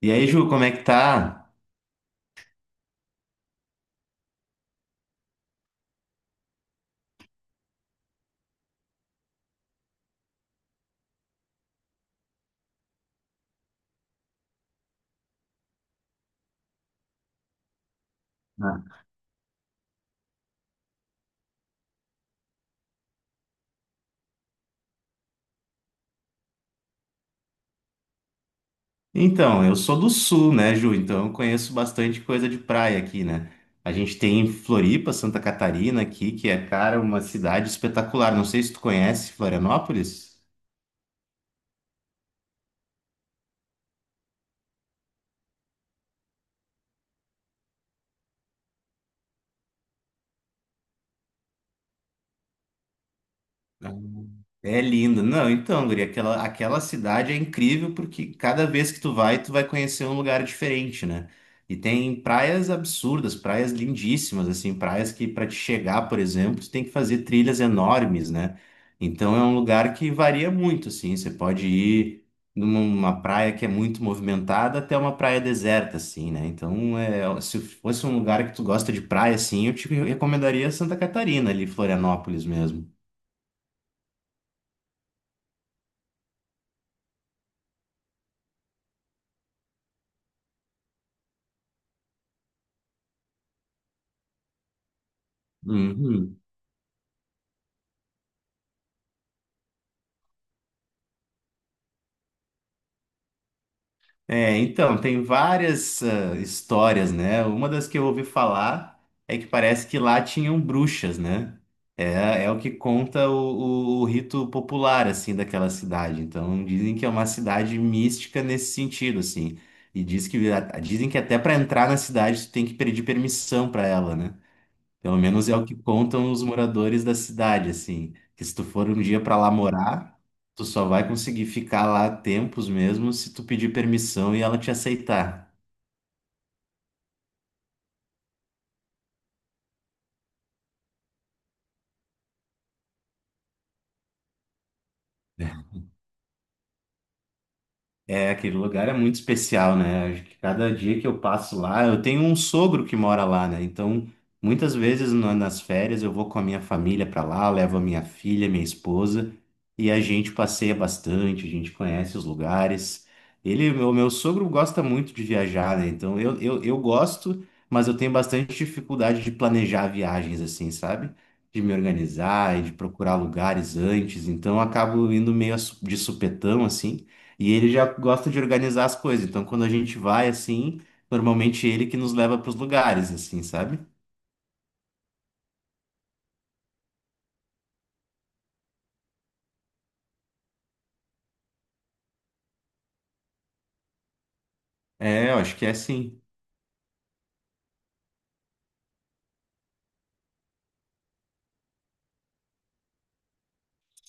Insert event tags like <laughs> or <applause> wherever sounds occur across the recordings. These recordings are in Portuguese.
E aí, Ju, como é que tá? Então, eu sou do sul, né, Ju? Então eu conheço bastante coisa de praia aqui, né? A gente tem Floripa, Santa Catarina aqui, que é, cara, uma cidade espetacular. Não sei se tu conhece Florianópolis. É lindo. Não, então, Guri, aquela cidade é incrível porque cada vez que tu vai conhecer um lugar diferente, né? E tem praias absurdas, praias lindíssimas, assim, praias que para te chegar, por exemplo, tu tem que fazer trilhas enormes, né? Então é um lugar que varia muito, assim. Você pode ir numa praia que é muito movimentada até uma praia deserta, assim, né? Então, é, se fosse um lugar que tu gosta de praia, assim, eu te recomendaria Santa Catarina, ali, Florianópolis mesmo. Uhum. É, então, tem várias histórias, né? Uma das que eu ouvi falar é que parece que lá tinham bruxas, né? É, é o que conta o rito popular, assim, daquela cidade. Então, dizem que é uma cidade mística nesse sentido, assim. E diz que, dizem que até para entrar na cidade tu tem que pedir permissão para ela, né? Pelo menos é o que contam os moradores da cidade, assim, que se tu for um dia para lá morar, tu só vai conseguir ficar lá tempos mesmo se tu pedir permissão e ela te aceitar. É, aquele lugar é muito especial, né? Acho que cada dia que eu passo lá, eu tenho um sogro que mora lá, né? Então, muitas vezes nas férias eu vou com a minha família para lá, levo a minha filha, minha esposa, e a gente passeia bastante, a gente conhece os lugares. Ele, o meu, sogro gosta muito de viajar, né? Então, eu gosto, mas eu tenho bastante dificuldade de planejar viagens assim, sabe? De me organizar e de procurar lugares antes. Então, eu acabo indo meio de supetão, assim. E ele já gosta de organizar as coisas. Então, quando a gente vai assim, normalmente é ele que nos leva para os lugares, assim, sabe? É, eu acho que é assim.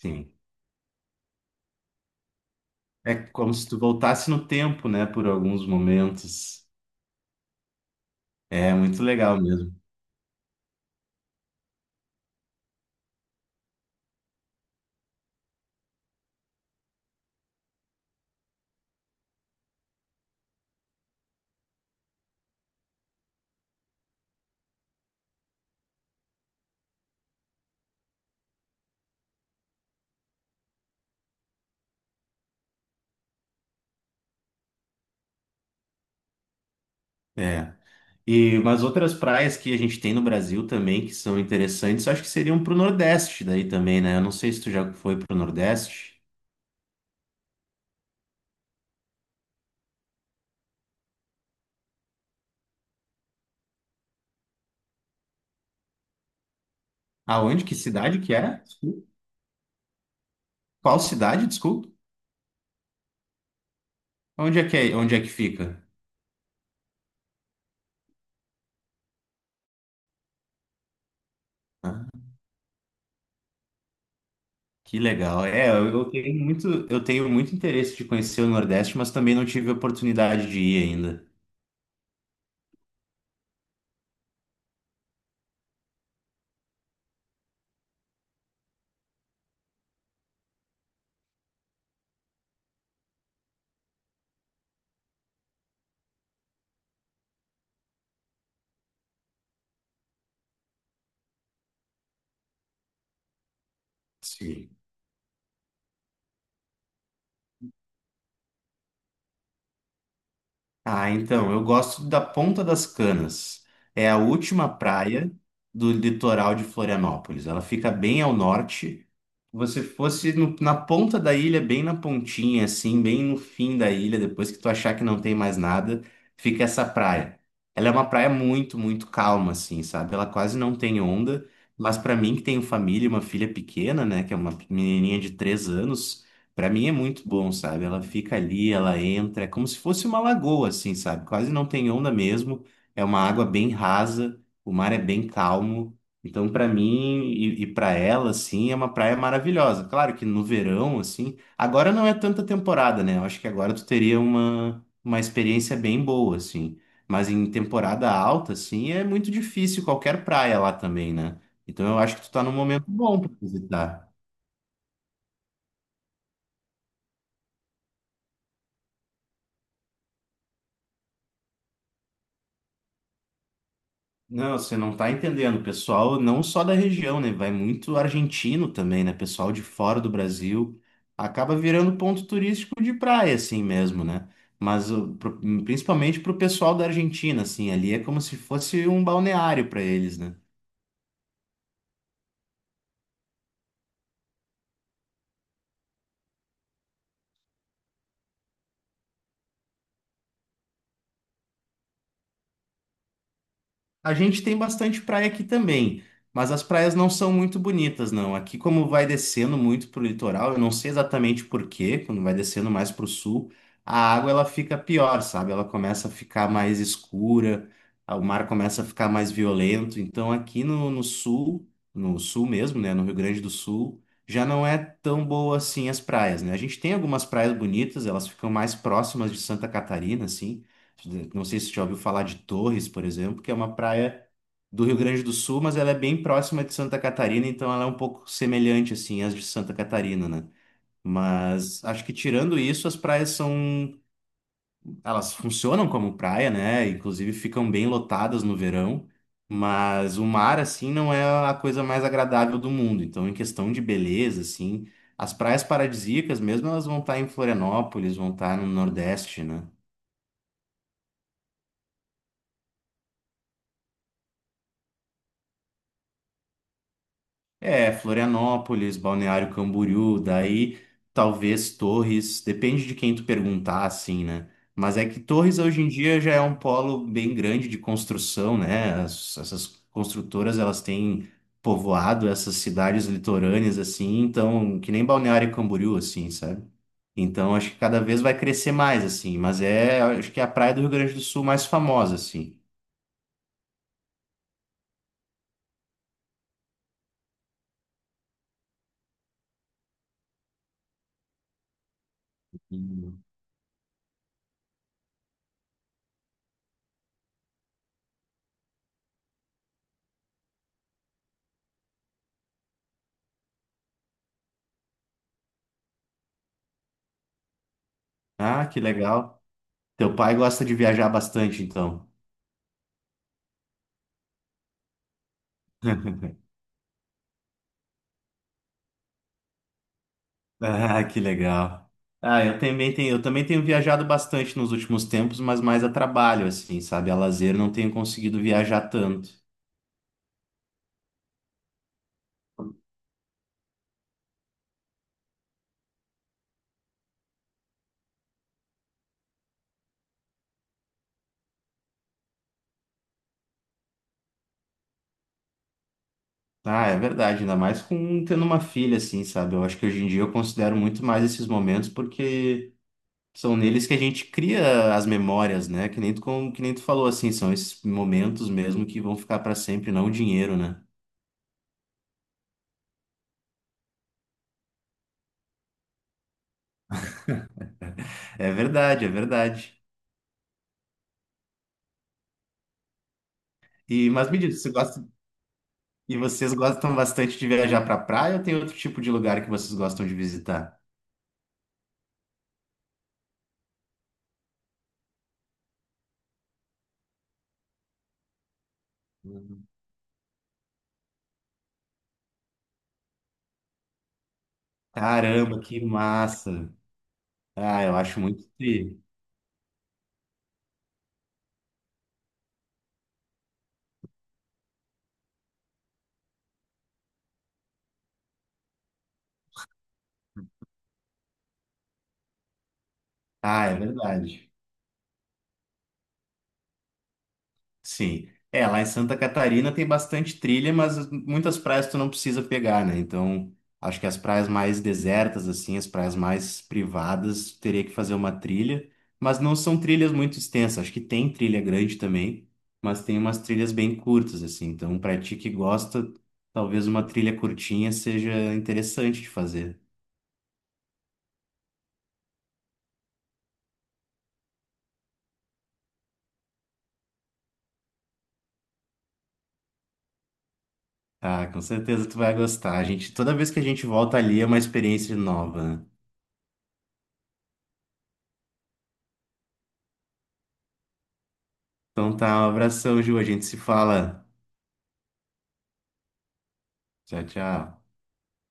Sim. É como se tu voltasse no tempo, né? Por alguns momentos. É muito legal mesmo. É. E umas outras praias que a gente tem no Brasil também que são interessantes, eu acho que seriam pro Nordeste daí também, né? Eu não sei se tu já foi pro Nordeste. Aonde? Que cidade que é? Desculpa. Qual cidade? Desculpa. Onde é que é? Onde é que fica? Que legal. É, eu tenho muito, eu tenho muito interesse de conhecer o Nordeste, mas também não tive a oportunidade de ir ainda. Sim. Ah, então, eu gosto da Ponta das Canas. É a última praia do litoral de Florianópolis. Ela fica bem ao norte. Você fosse na ponta da ilha, bem na pontinha, assim, bem no fim da ilha, depois que tu achar que não tem mais nada, fica essa praia. Ela é uma praia muito, muito calma, assim, sabe? Ela quase não tem onda, mas para mim que tenho família, e uma filha pequena, né, que é uma menininha de 3 anos. Pra mim é muito bom, sabe? Ela fica ali, ela entra, é como se fosse uma lagoa, assim, sabe? Quase não tem onda mesmo. É uma água bem rasa, o mar é bem calmo. Então, pra mim e para ela, assim, é uma praia maravilhosa. Claro que no verão, assim, agora não é tanta temporada, né? Eu acho que agora tu teria uma experiência bem boa, assim. Mas em temporada alta, assim, é muito difícil qualquer praia lá também, né? Então, eu acho que tu tá num momento bom pra visitar. Não, você não tá entendendo, pessoal, não só da região, né? Vai muito argentino também, né? Pessoal de fora do Brasil acaba virando ponto turístico de praia, assim mesmo, né? Mas o- pro- Principalmente pro pessoal da Argentina, assim, ali é como se fosse um balneário para eles, né? A gente tem bastante praia aqui também, mas as praias não são muito bonitas, não. Aqui, como vai descendo muito pro litoral, eu não sei exatamente por quê, quando vai descendo mais pro sul, a água ela fica pior, sabe? Ela começa a ficar mais escura, o mar começa a ficar mais violento. Então, aqui no sul, no sul mesmo, né, no Rio Grande do Sul, já não é tão boa assim as praias, né? A gente tem algumas praias bonitas, elas ficam mais próximas de Santa Catarina, assim. Não sei se você já ouviu falar de Torres, por exemplo, que é uma praia do Rio Grande do Sul, mas ela é bem próxima de Santa Catarina, então ela é um pouco semelhante assim às de Santa Catarina, né? Mas acho que tirando isso, as praias são, elas funcionam como praia, né? Inclusive ficam bem lotadas no verão, mas o mar assim não é a coisa mais agradável do mundo. Então, em questão de beleza, assim, as praias paradisíacas mesmo, elas vão estar em Florianópolis, vão estar no Nordeste, né? É, Florianópolis, Balneário Camboriú, daí talvez Torres, depende de quem tu perguntar, assim, né? Mas é que Torres hoje em dia já é um polo bem grande de construção, né? Essas construtoras, elas têm povoado essas cidades litorâneas, assim, então, que nem Balneário Camboriú, assim, sabe? Então, acho que cada vez vai crescer mais, assim, mas é, acho que é a praia do Rio Grande do Sul mais famosa, assim. Hum. Ah, que legal. Teu pai gosta de viajar bastante, então. <laughs> Ah, que legal. Ah, eu também tenho viajado bastante nos últimos tempos, mas mais a trabalho, assim, sabe? A lazer não tenho conseguido viajar tanto. Ah, é verdade, ainda mais com tendo uma filha, assim, sabe? Eu acho que hoje em dia eu considero muito mais esses momentos porque são neles que a gente cria as memórias, né? Que nem tu falou, assim, são esses momentos mesmo que vão ficar para sempre, não o dinheiro, né? É verdade, é verdade. E, mas me diz, você gosta E vocês gostam bastante de viajar pra praia ou tem outro tipo de lugar que vocês gostam de visitar? Caramba, que massa! Ah, eu acho muito tri. Ah, é verdade. Sim. É, lá em Santa Catarina tem bastante trilha, mas muitas praias tu não precisa pegar, né? Então, acho que as praias mais desertas, assim, as praias mais privadas, teria que fazer uma trilha, mas não são trilhas muito extensas. Acho que tem trilha grande também, mas tem umas trilhas bem curtas, assim. Então, pra ti que gosta, talvez uma trilha curtinha seja interessante de fazer. Ah, com certeza tu vai gostar. A gente, toda vez que a gente volta ali é uma experiência nova. Né? Então tá, um abração, Ju. A gente se fala. Tchau, tchau.